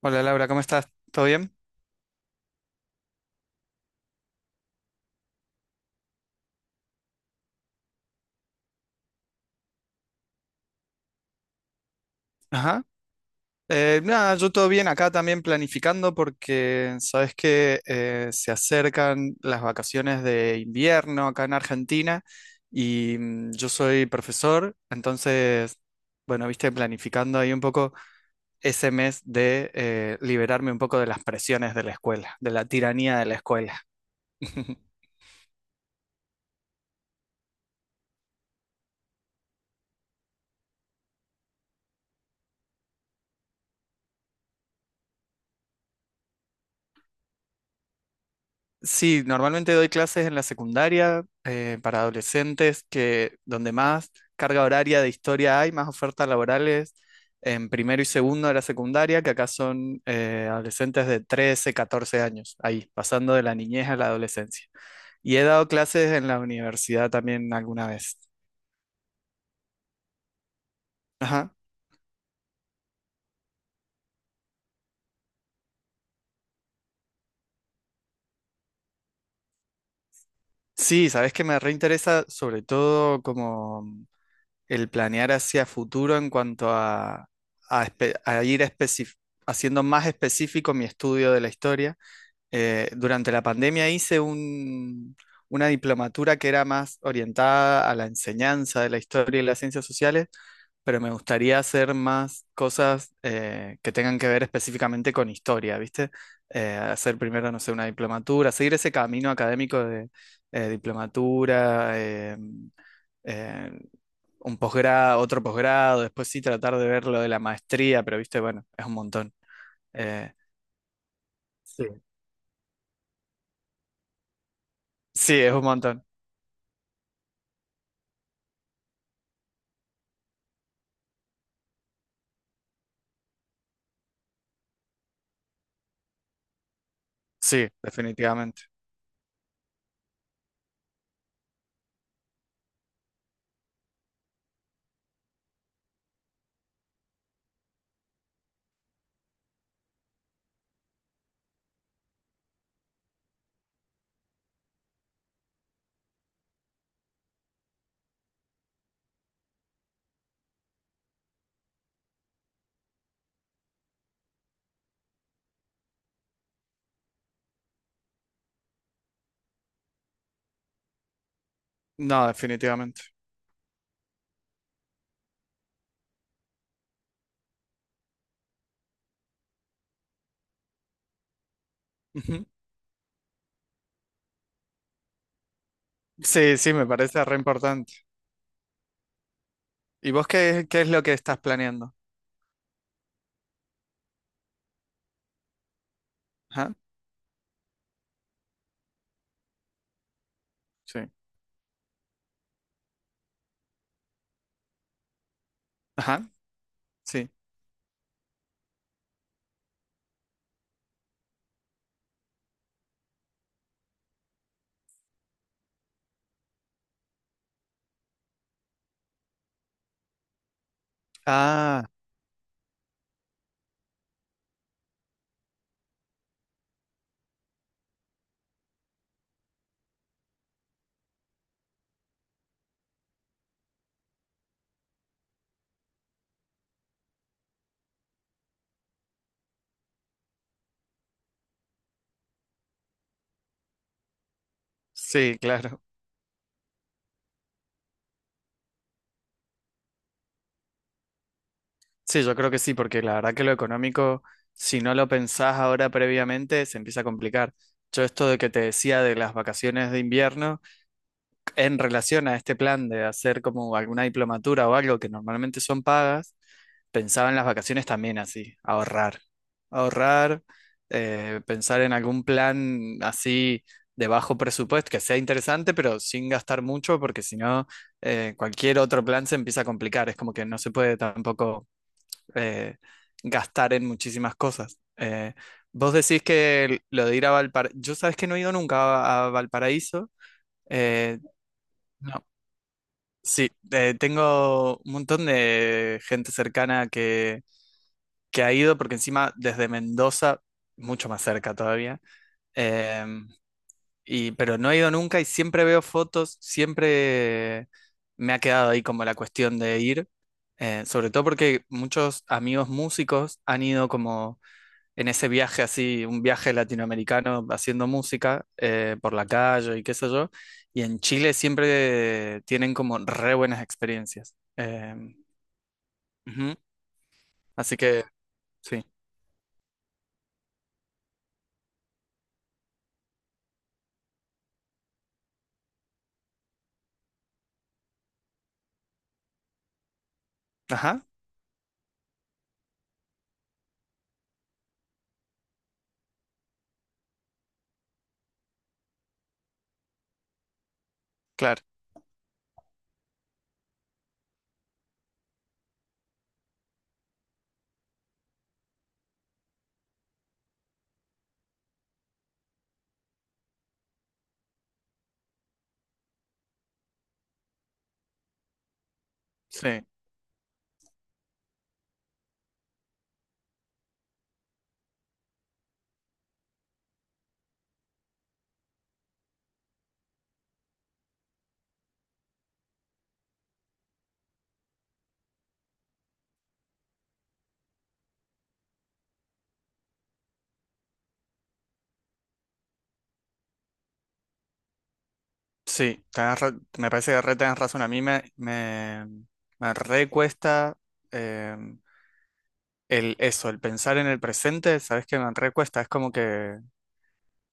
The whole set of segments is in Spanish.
Hola Laura, ¿cómo estás? ¿Todo bien? Ajá. Nada, yo todo bien acá también planificando porque sabes que se acercan las vacaciones de invierno acá en Argentina y yo soy profesor, entonces, bueno, viste, planificando ahí un poco ese mes de liberarme un poco de las presiones de la escuela, de la tiranía de la escuela. Sí, normalmente doy clases en la secundaria para adolescentes, que donde más carga horaria de historia hay, más ofertas laborales en primero y segundo de la secundaria, que acá son adolescentes de 13, 14 años, ahí, pasando de la niñez a la adolescencia. Y he dado clases en la universidad también alguna vez. Ajá. Sí, sabes que me reinteresa sobre todo como el planear hacia futuro en cuanto a, a espe- a ir especi- haciendo más específico mi estudio de la historia. Durante la pandemia hice una diplomatura que era más orientada a la enseñanza de la historia y las ciencias sociales, pero me gustaría hacer más cosas que tengan que ver específicamente con historia, ¿viste? Hacer primero, no sé, una diplomatura, seguir ese camino académico de diplomatura. Eh, un posgrado, otro posgrado, después sí tratar de ver lo de la maestría, pero viste, bueno, es un montón. Eh, Sí. Sí, es un montón. Sí, definitivamente. No, definitivamente. Ujú. Sí, sí, me parece re importante. ¿Y vos qué, qué es lo que estás planeando? Ajá, sí. Ajá, sí. Ah, sí, claro. Sí, yo creo que sí, porque la verdad que lo económico, si no lo pensás ahora previamente, se empieza a complicar. Yo esto de que te decía de las vacaciones de invierno, en relación a este plan de hacer como alguna diplomatura o algo que normalmente son pagas, pensaba en las vacaciones también así, ahorrar, ahorrar, pensar en algún plan así de bajo presupuesto que sea interesante, pero sin gastar mucho, porque si no, cualquier otro plan se empieza a complicar, es como que no se puede tampoco eh, gastar en muchísimas cosas. Vos decís que lo de ir a Valparaíso, yo sabes que no he ido nunca a, a Valparaíso. eh, no. Sí, tengo un montón de gente cercana que ha ido, porque encima desde Mendoza, mucho más cerca todavía, em, y, pero no he ido nunca y siempre veo fotos, siempre me ha quedado ahí como la cuestión de ir, sobre todo porque muchos amigos músicos han ido como en ese viaje así, un viaje latinoamericano haciendo música por la calle y qué sé yo. Y en Chile siempre tienen como re buenas experiencias. Ujú. Así que, sí. Ajá, claro. Sí, sí. Me parece que re tenés razón. A mí me, me, me re cuesta eh, el, eso, el pensar en el presente, ¿sabes qué? Me re cuesta. Es como que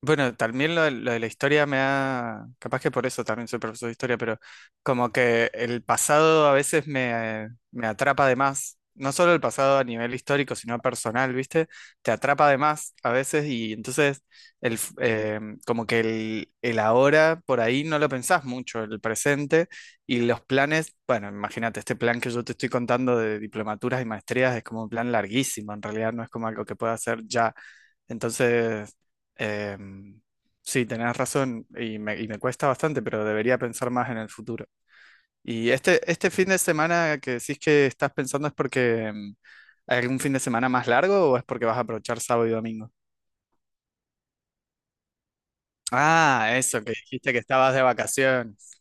bueno, también lo de la historia me ha, capaz que por eso también soy profesor de historia, pero como que el pasado a veces me, me atrapa de más, no solo el pasado a nivel histórico, sino personal, ¿viste? Te atrapa de más a veces y entonces el, como que el ahora por ahí no lo pensás mucho, el presente y los planes, bueno, imagínate, este plan que yo te estoy contando de diplomaturas y maestrías es como un plan larguísimo, en realidad no es como algo que pueda hacer ya. Entonces... Em, sí, tenés razón y me cuesta bastante, pero debería pensar más en el futuro. Y este fin de semana que decís que estás pensando es porque hay algún fin de semana más largo o es porque vas a aprovechar sábado y domingo. Ah, eso, que dijiste que estabas de vacaciones.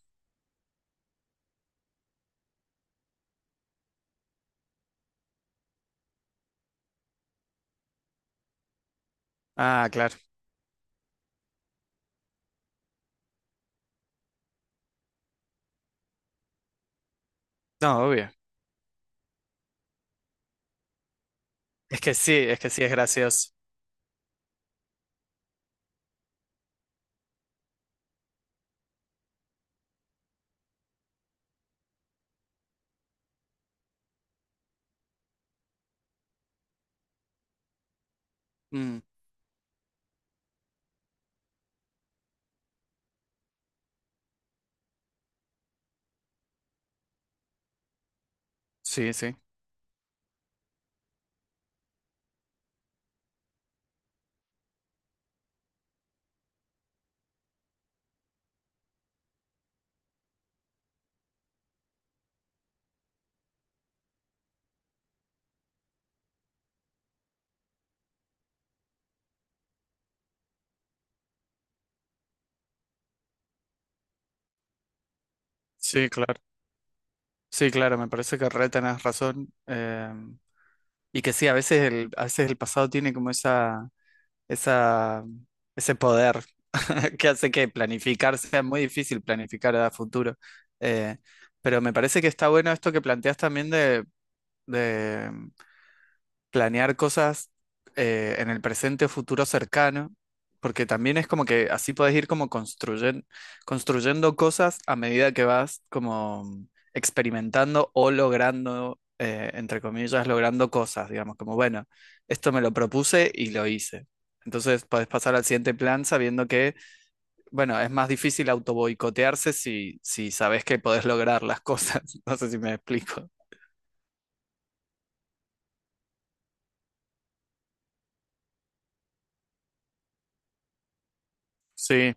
Ah, claro. No, obvio. Es que sí, es que sí es gracioso. Mm, sí, sí. Sí, claro. Sí, claro, me parece que re tenés razón. Y que sí, a veces el pasado tiene como esa esa, ese poder que hace que planificar sea muy difícil planificar a futuro. Eh, pero me parece que está bueno esto que planteas también de, planear cosas en el presente o futuro cercano, porque también es como que así podés ir como construyendo cosas a medida que vas como experimentando o logrando, entre comillas, logrando cosas, digamos, como bueno, esto me lo propuse y lo hice. Entonces podés pasar al siguiente plan sabiendo que, bueno, es más difícil autoboicotearse si, si sabes que podés lograr las cosas. No sé si me explico. Sí,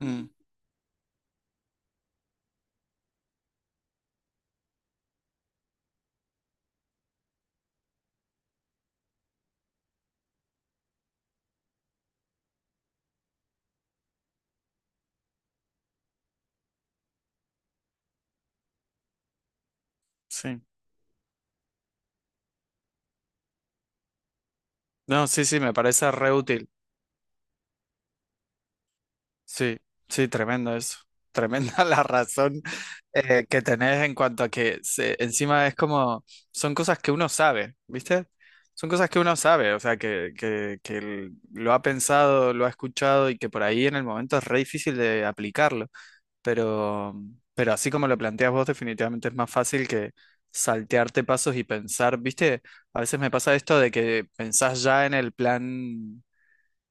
mm, sí. No, sí, sí, me parece reútil. Sí, sí, tremendo eso. Tremenda la razón que tenés en cuanto a que encima es como, son cosas que uno sabe, ¿viste? Son cosas que uno sabe, o sea, que lo ha pensado, lo ha escuchado y que por ahí en el momento es re difícil de aplicarlo. Pero, pero así como lo planteas vos, definitivamente es más fácil que saltearte pasos y pensar, ¿viste? A veces me pasa esto de que pensás ya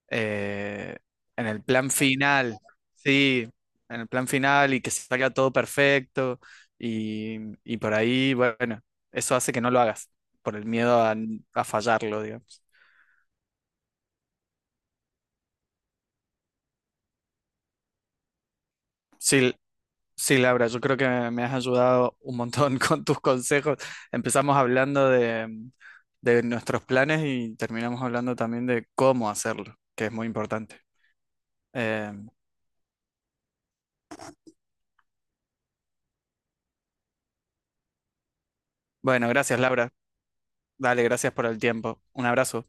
eh, en el plan final, sí, en el plan final y que salga todo perfecto y, y por ahí, bueno, eso hace que no lo hagas, por el miedo a fallarlo, digamos. Sí, sí, Laura, yo creo que me has ayudado un montón con tus consejos. Empezamos hablando de nuestros planes y terminamos hablando también de cómo hacerlo, que es muy importante. Eh, bueno, gracias, Laura. Dale, gracias por el tiempo. Un abrazo.